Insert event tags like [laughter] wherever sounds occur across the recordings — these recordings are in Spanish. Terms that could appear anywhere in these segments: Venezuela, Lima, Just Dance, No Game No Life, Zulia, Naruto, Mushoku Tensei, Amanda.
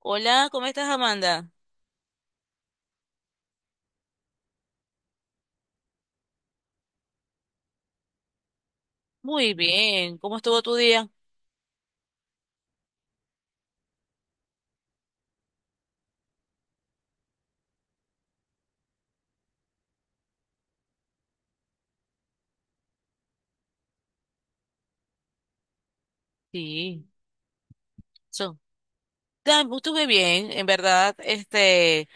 Hola, ¿cómo estás, Amanda? Muy bien, ¿cómo estuvo tu día? Sí, so, estuve bien, en verdad,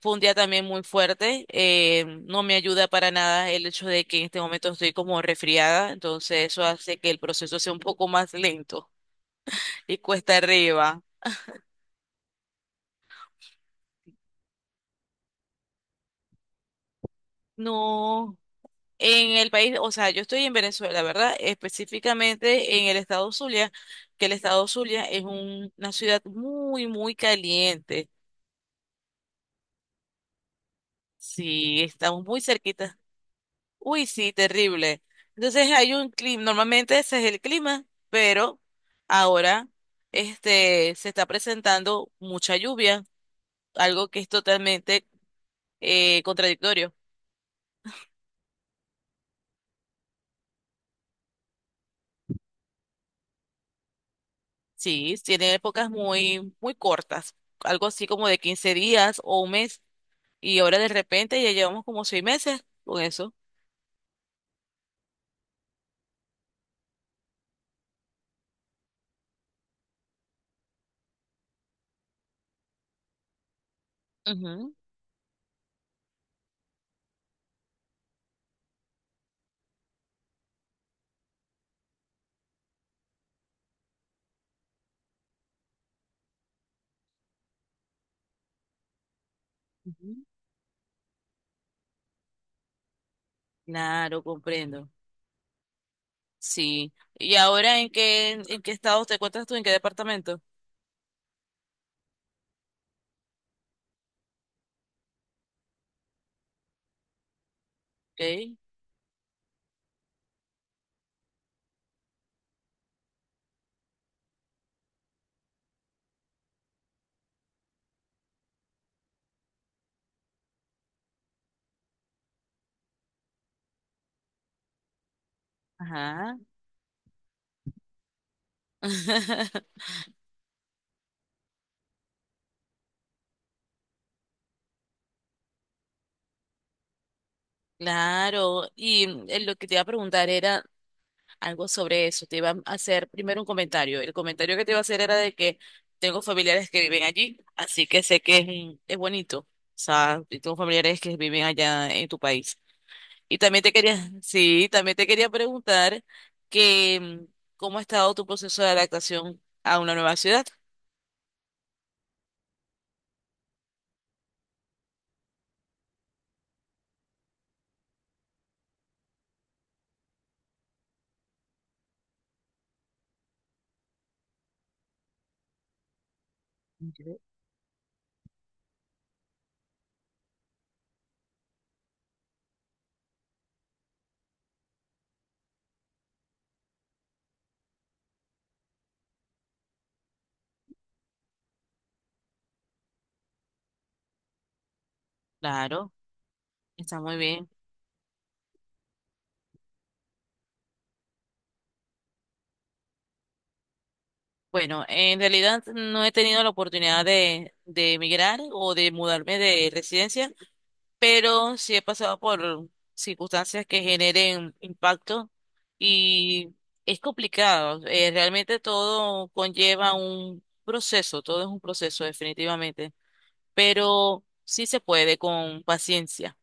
fue un día también muy fuerte, no me ayuda para nada el hecho de que en este momento estoy como resfriada, entonces eso hace que el proceso sea un poco más lento y cuesta arriba. No, en el país, o sea, yo estoy en Venezuela, ¿verdad? Específicamente en el estado Zulia, que el estado Zulia es una ciudad muy, muy caliente. Sí, estamos muy cerquita. Uy, sí, terrible. Entonces hay un clima, normalmente ese es el clima, pero ahora se está presentando mucha lluvia, algo que es totalmente contradictorio. Sí, tiene épocas muy muy cortas, algo así como de 15 días o un mes, y ahora de repente ya llevamos como seis meses con eso. Ujú, ujú. Claro, comprendo. Sí. ¿Y ahora en qué estado te encuentras tú? ¿En qué departamento? Ok. Ajá. [laughs] Claro. Y lo que te iba a preguntar era algo sobre eso. Te iba a hacer primero un comentario. El comentario que te iba a hacer era de que tengo familiares que viven allí, así que sé que es, es bonito. O sea, y tengo familiares que viven allá en tu país. Y también te quería, [laughs] sí, también te quería preguntar que mm, cómo ha estado tu proceso de adaptación a una nueva ciudad. Claro, está muy bien. Bueno, en realidad no he tenido la oportunidad de emigrar o de mudarme de residencia, pero sí he pasado por circunstancias que generen impacto y es complicado. Realmente todo conlleva un proceso, todo es un proceso definitivamente, pero sí se puede con paciencia.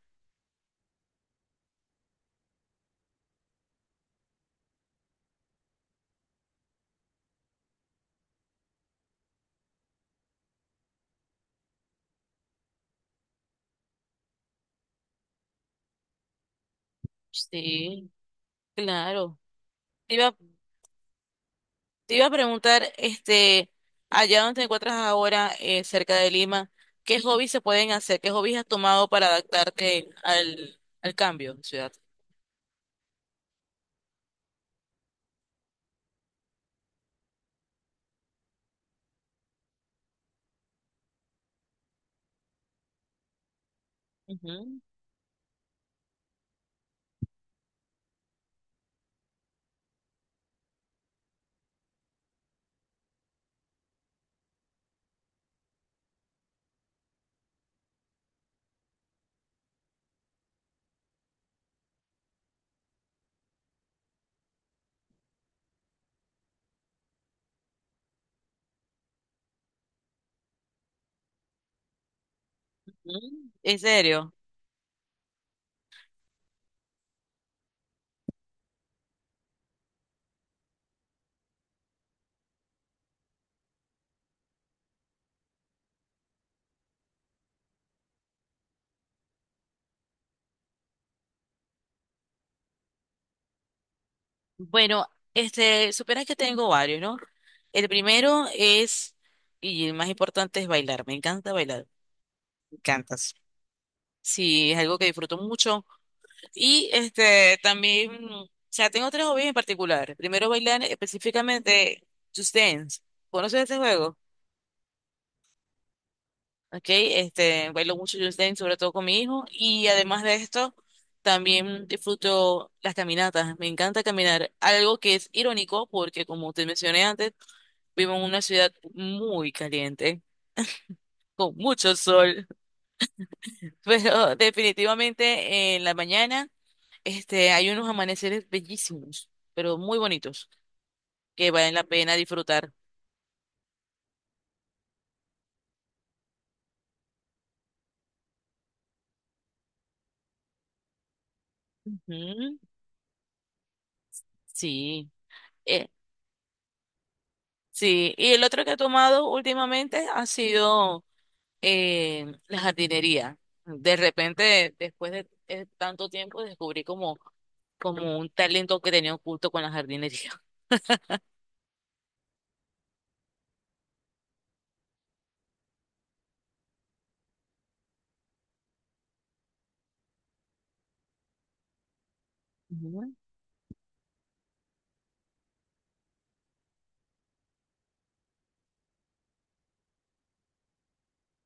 Sí, claro. Iba Te iba a preguntar, allá donde te encuentras ahora, cerca de Lima, ¿qué hobbies se pueden hacer? ¿Qué hobbies has tomado para adaptarte al cambio de ciudad? Ujú, ujú. ¿En serio? Bueno, supieras que tengo varios, ¿no? El primero es, y el más importante es bailar. Me encanta bailar. Me encantas. Sí, es algo que disfruto mucho. Y este también, o sea, tengo tres hobbies en particular. Primero bailar específicamente Just Dance. ¿Conoces este juego? Ok, bailo mucho Just Dance, sobre todo con mi hijo. Y además de esto, también disfruto las caminatas. Me encanta caminar. Algo que es irónico porque, como te mencioné antes, vivo en una ciudad muy caliente, con mucho sol. [laughs] Pero definitivamente en la mañana, hay unos amaneceres bellísimos, pero muy bonitos, que valen la pena disfrutar. Ujú. Sí, eh, sí. Y el otro que he tomado últimamente ha sido la jardinería. De repente, después de tanto tiempo, descubrí como un talento que tenía oculto con la jardinería. [laughs] Ujú.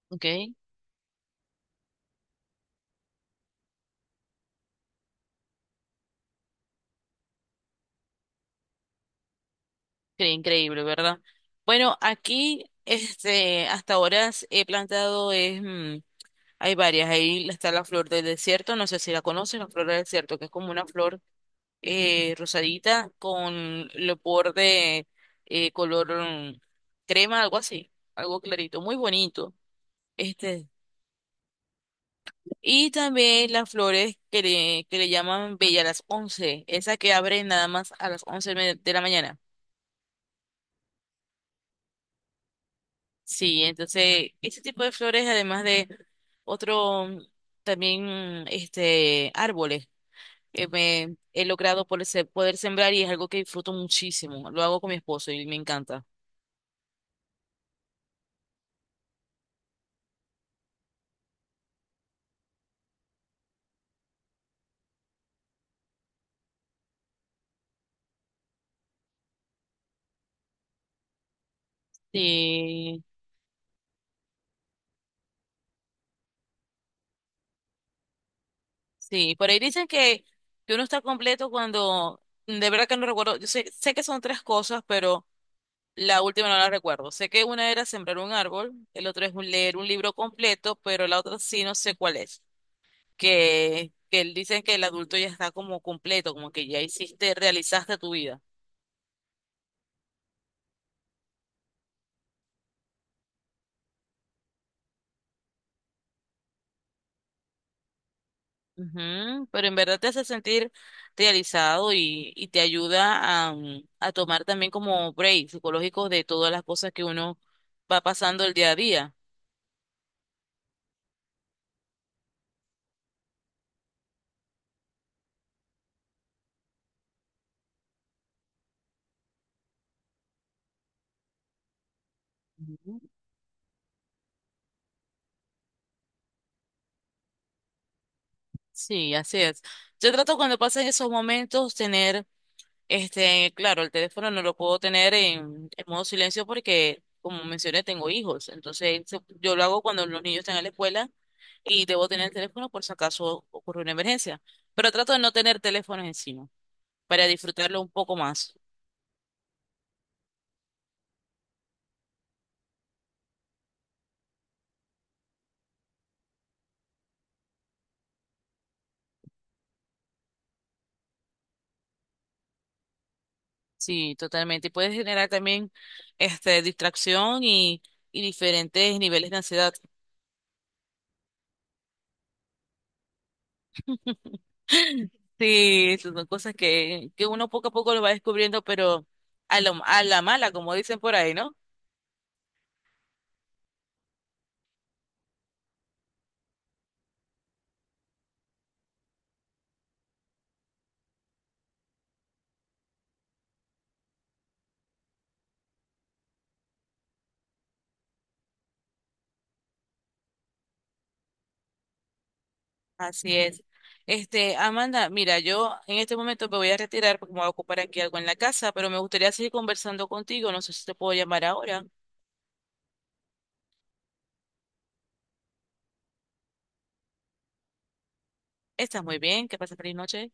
Ok. Qué increíble, ¿verdad? Bueno, aquí hasta ahora he plantado, hay varias. Ahí está la flor del desierto, no sé si la conoces, la flor del desierto, que es como una flor rosadita con el borde color crema, algo así, algo clarito, muy bonito. Este, y también las flores que le llaman bella a las 11, esa que abre nada más a las de la mañana. Sí, entonces ese tipo de flores, además de otro mm, también árboles que me he logrado poder, poder sembrar y es algo que disfruto muchísimo. Lo hago con mi esposo y me encanta. Sí. Sí, por ahí dicen que uno está completo cuando, de verdad que no recuerdo, yo sé que son tres cosas, pero la última no la recuerdo. Sé que una era sembrar un árbol, el otro es leer un libro completo, pero la otra sí no sé cuál es. Dicen que el adulto ya está como completo, como que ya hiciste, realizaste tu vida. Ujú, pero en verdad te hace sentir realizado y te ayuda a, a tomar también como break psicológico de todas las cosas que uno va pasando el día a día. Ujú. Sí, así es. Yo trato cuando pasan esos momentos tener, claro, el teléfono no lo puedo tener en modo silencio porque, como mencioné, tengo hijos. Entonces, yo lo hago cuando los niños están en la escuela y debo tener el teléfono por si acaso ocurre una emergencia. Pero trato de no tener teléfonos encima para disfrutarlo un poco más. Sí, totalmente. Y puede generar también, distracción y diferentes niveles de ansiedad. Sí, esas son cosas que uno poco a poco lo va descubriendo, pero a la mala, como dicen por ahí, ¿no? Así es. Este, Amanda, mira, yo en este momento me voy a retirar porque me voy a ocupar aquí algo en la casa, pero me gustaría seguir conversando contigo. No sé si te puedo llamar ahora. Estás muy bien, que pases feliz noche.